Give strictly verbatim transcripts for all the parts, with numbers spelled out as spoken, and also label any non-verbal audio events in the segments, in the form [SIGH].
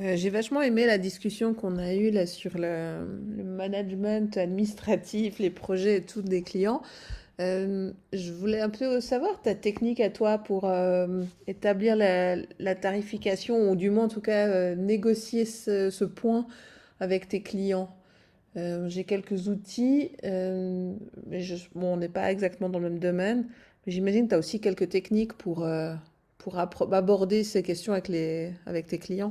Euh, j'ai vachement aimé la discussion qu'on a eue là sur le, le management administratif, les projets et tout des clients. Euh, je voulais un peu savoir ta technique à toi pour euh, établir la, la tarification ou du moins en tout cas euh, négocier ce, ce point avec tes clients. Euh, j'ai quelques outils, euh, mais je, bon, on n'est pas exactement dans le même domaine. Mais j'imagine que tu as aussi quelques techniques pour, euh, pour appro- aborder ces questions avec les, avec tes clients.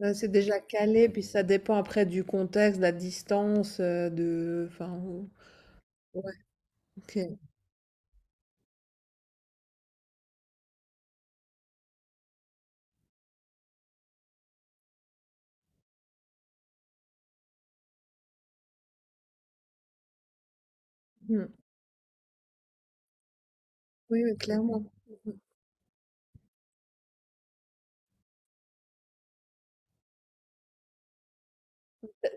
Ouais, c'est déjà calé, puis ça dépend après du contexte, de la distance, euh, de... enfin, ouais, ok. Hmm. Oui, oui, clairement.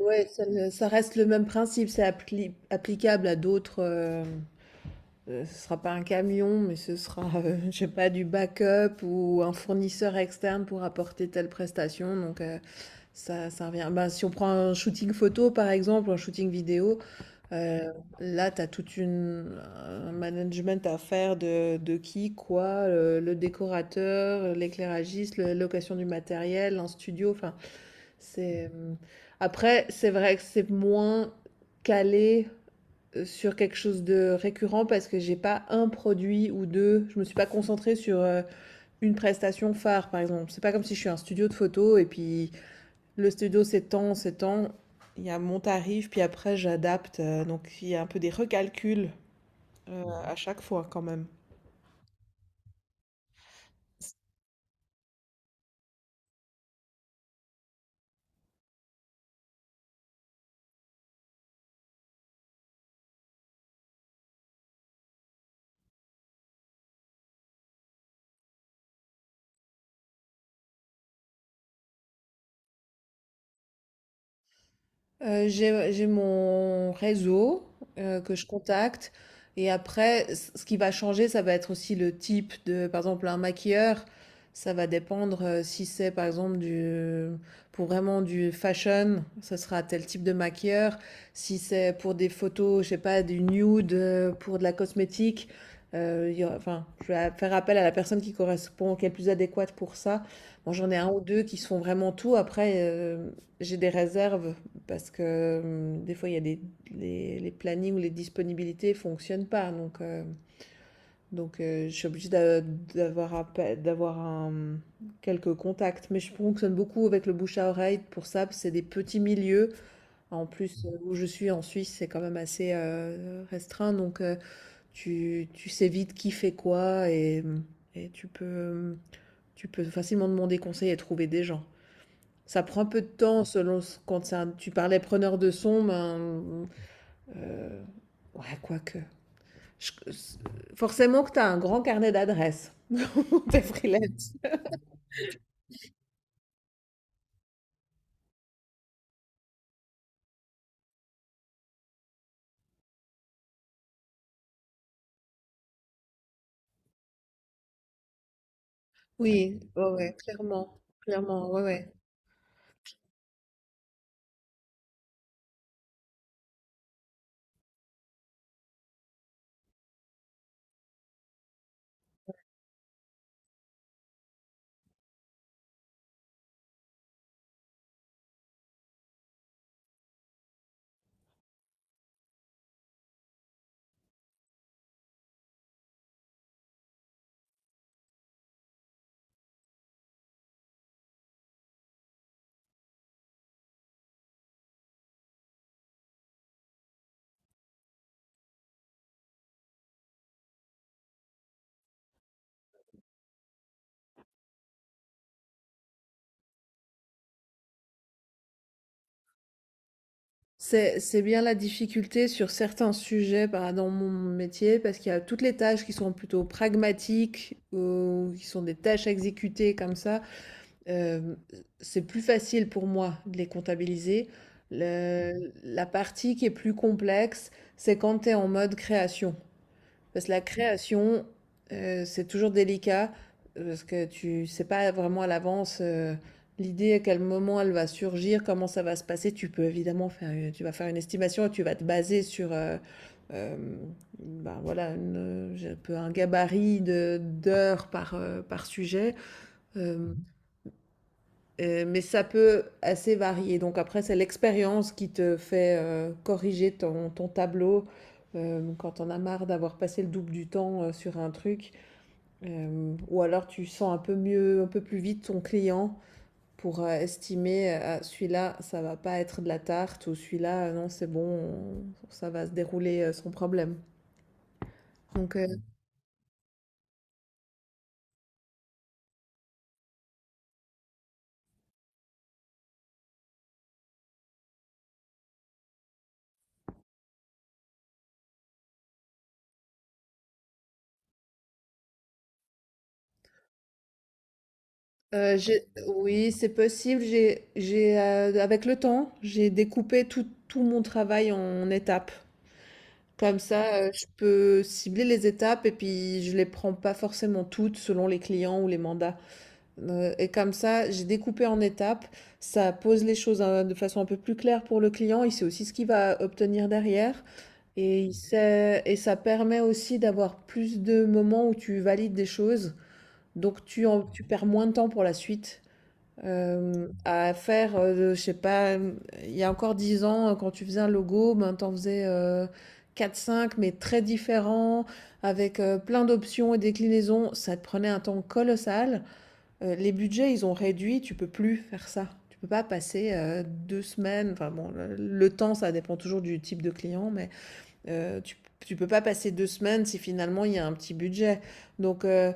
Ouais, ça, le- ça reste le même principe, c'est appli- applicable à d'autres... euh, euh, ce sera pas un camion, mais ce sera, euh, [LAUGHS] je sais pas, du backup ou un fournisseur externe pour apporter telle prestation. Donc, euh, ça, ça revient. Ben, si on prend un shooting photo, par exemple, un shooting vidéo, Euh, là, tu as toute une un management à faire de, de qui, quoi, le, le décorateur, l'éclairagiste, la location du matériel, un studio. Enfin, c'est hum, après, c'est vrai que c'est moins calé euh, sur quelque chose de récurrent parce que j'ai pas un produit ou deux. Je me suis pas concentrée sur euh, une prestation phare, par exemple. C'est pas comme si je suis un studio de photo et puis le studio s'étend, s'étend. Il y a mon tarif, puis après j'adapte. Euh, donc il y a un peu des recalculs euh, à chaque fois quand même. Euh, j'ai, j'ai mon réseau euh, que je contacte. Et après, c- ce qui va changer, ça va être aussi le type de, par exemple, un maquilleur. Ça va dépendre euh, si c'est, par exemple, du, pour vraiment du fashion, ça sera tel type de maquilleur. Si c'est pour des photos, je sais pas, du nude, euh, pour de la cosmétique, euh, il y aura- enfin, je vais faire appel à la personne qui correspond, qui est le plus adéquate pour ça. Bon, j'en ai un ou deux qui se font vraiment tout. Après, euh, j'ai des réserves parce que hum, des fois, il y a des, les, les plannings ou les disponibilités ne fonctionnent pas. Donc, euh, donc euh, je suis obligée d'avoir d'avoir quelques contacts. Mais je fonctionne beaucoup avec le bouche à oreille pour ça, parce que c'est des petits milieux. En plus, euh, où je suis en Suisse, c'est quand même assez euh, restreint. Donc, euh, tu, tu sais vite qui fait quoi et, et tu peux, tu peux facilement demander conseil et trouver des gens. Ça prend un peu de temps selon ce- quand c'est un- tu parlais preneur de son, ben, euh, ouais, quoique. Je- euh, Forcément que tu as un grand carnet d'adresses [LAUGHS] pour tes freelances. Oui, ouais, ouais, clairement. Clairement, ouais, ouais. C'est, c'est bien la difficulté sur certains sujets bah, dans mon métier, parce qu'il y a toutes les tâches qui sont plutôt pragmatiques, ou qui sont des tâches à exécuter comme ça. Euh, c'est plus facile pour moi de les comptabiliser. Le- la partie qui est plus complexe, c'est quand tu es en mode création. Parce que la création, euh, c'est toujours délicat, euh, parce que tu sais pas vraiment à l'avance euh, l'idée, à quel moment elle va surgir, comment ça va se passer. Tu peux évidemment faire une, tu vas faire une estimation et tu vas te baser sur euh, euh, ben voilà, une- j'ai un peu un gabarit de d'heures par, euh, par sujet. Euh, Heu, mais ça peut assez varier. Donc après, c'est l'expérience qui te fait, heu, corriger ton ton tableau, hem, quand tu en as marre d'avoir passé le double du temps, heu, sur un truc. Hem, ou alors tu sens un peu mieux, un peu plus vite ton client pour, heu, estimer, heu: «Ah celui-là, ça va pas être de la tarte» ou «celui-là, euh, non, c'est bon, on ça va se dérouler, heu, sans problème». Donc heu, heu, j'ai Oui, c'est possible. J'ai j'ai, heu, avec le temps, j'ai découpé tout tout mon travail en étapes. Comme ça, euh, je peux cibler les étapes et puis je les prends pas forcément toutes selon les clients ou les mandats. Euh, et comme ça, j'ai découpé en étapes. Ça pose les choses hein, de façon un peu plus claire pour le client. Il sait aussi ce qu'il va obtenir derrière. Et, il sait- et ça permet aussi d'avoir plus de moments où tu valides des choses. Donc tu, en- tu perds moins de temps pour la suite euh, à faire, euh, je sais pas, euh, il y a encore dix ans, euh, quand tu faisais un logo, ben, t'en faisais quatre cinq, mais très différents, avec euh, plein d'options et déclinaisons. Ça te prenait un temps colossal. Euh, les budgets, ils ont réduit, tu peux plus faire ça. Tu peux pas passer euh, deux semaines, enfin bon, le, le temps, ça dépend toujours du type de client, mais euh, tu, tu peux pas passer deux semaines si finalement il y a un petit budget. Donc, euh,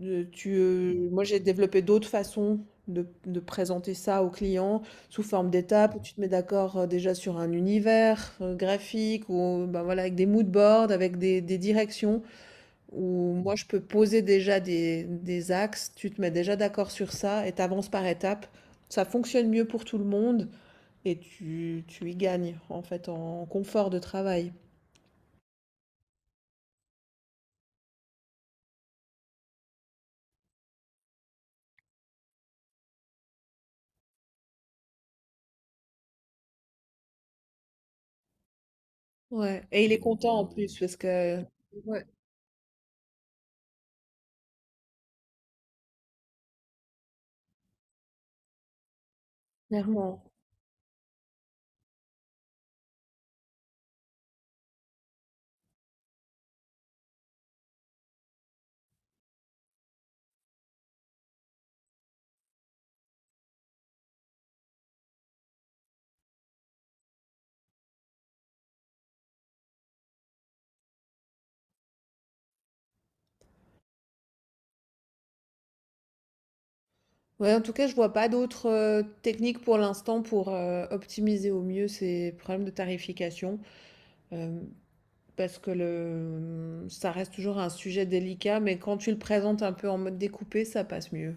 Heu, tu, heu, moi, j'ai développé d'autres façons de de présenter ça aux clients sous forme d'étapes où tu te mets d'accord, heu, déjà sur un univers, heu, graphique ou bah, voilà, avec des mood boards, avec des des directions où moi, je peux poser déjà des des axes, tu te mets déjà d'accord sur ça et tu avances par étapes. Ça fonctionne mieux pour tout le monde et tu tu y gagnes, en fait, en confort de travail. Ouais, et il est content en plus parce que ouais, clairement. Ouais, en tout cas, je vois pas d'autres euh, techniques pour l'instant pour euh, optimiser au mieux ces problèmes de tarification, euh, parce que le, ça reste toujours un sujet délicat, mais quand tu le présentes un peu en mode découpé, ça passe mieux.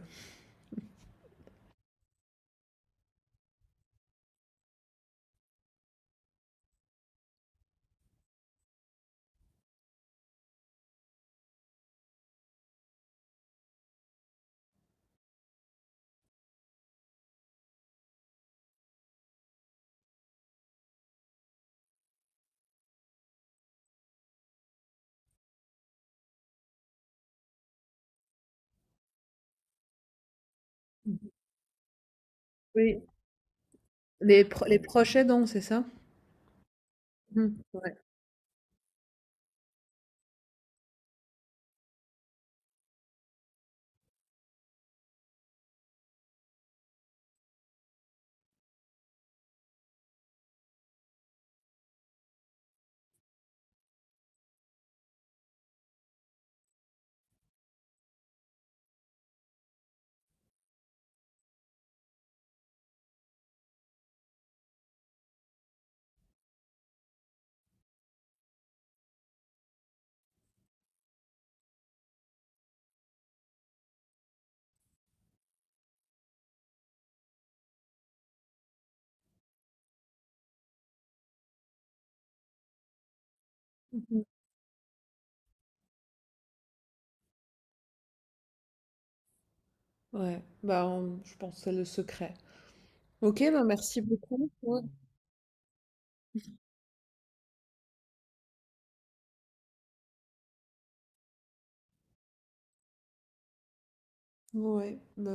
Oui, les, pro- les proches aidants, c'est ça? Mhm. Ouais. Mhm. Ouais, bah, on- je pense que c'est le secret. Ok, bah merci beaucoup. Ouais. Ouais, bah,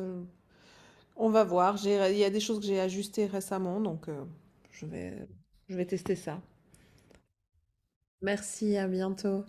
on va voir. J'ai- Il y a des choses que j'ai ajustées récemment, donc euh, je vais, je vais tester ça. Merci, à bientôt.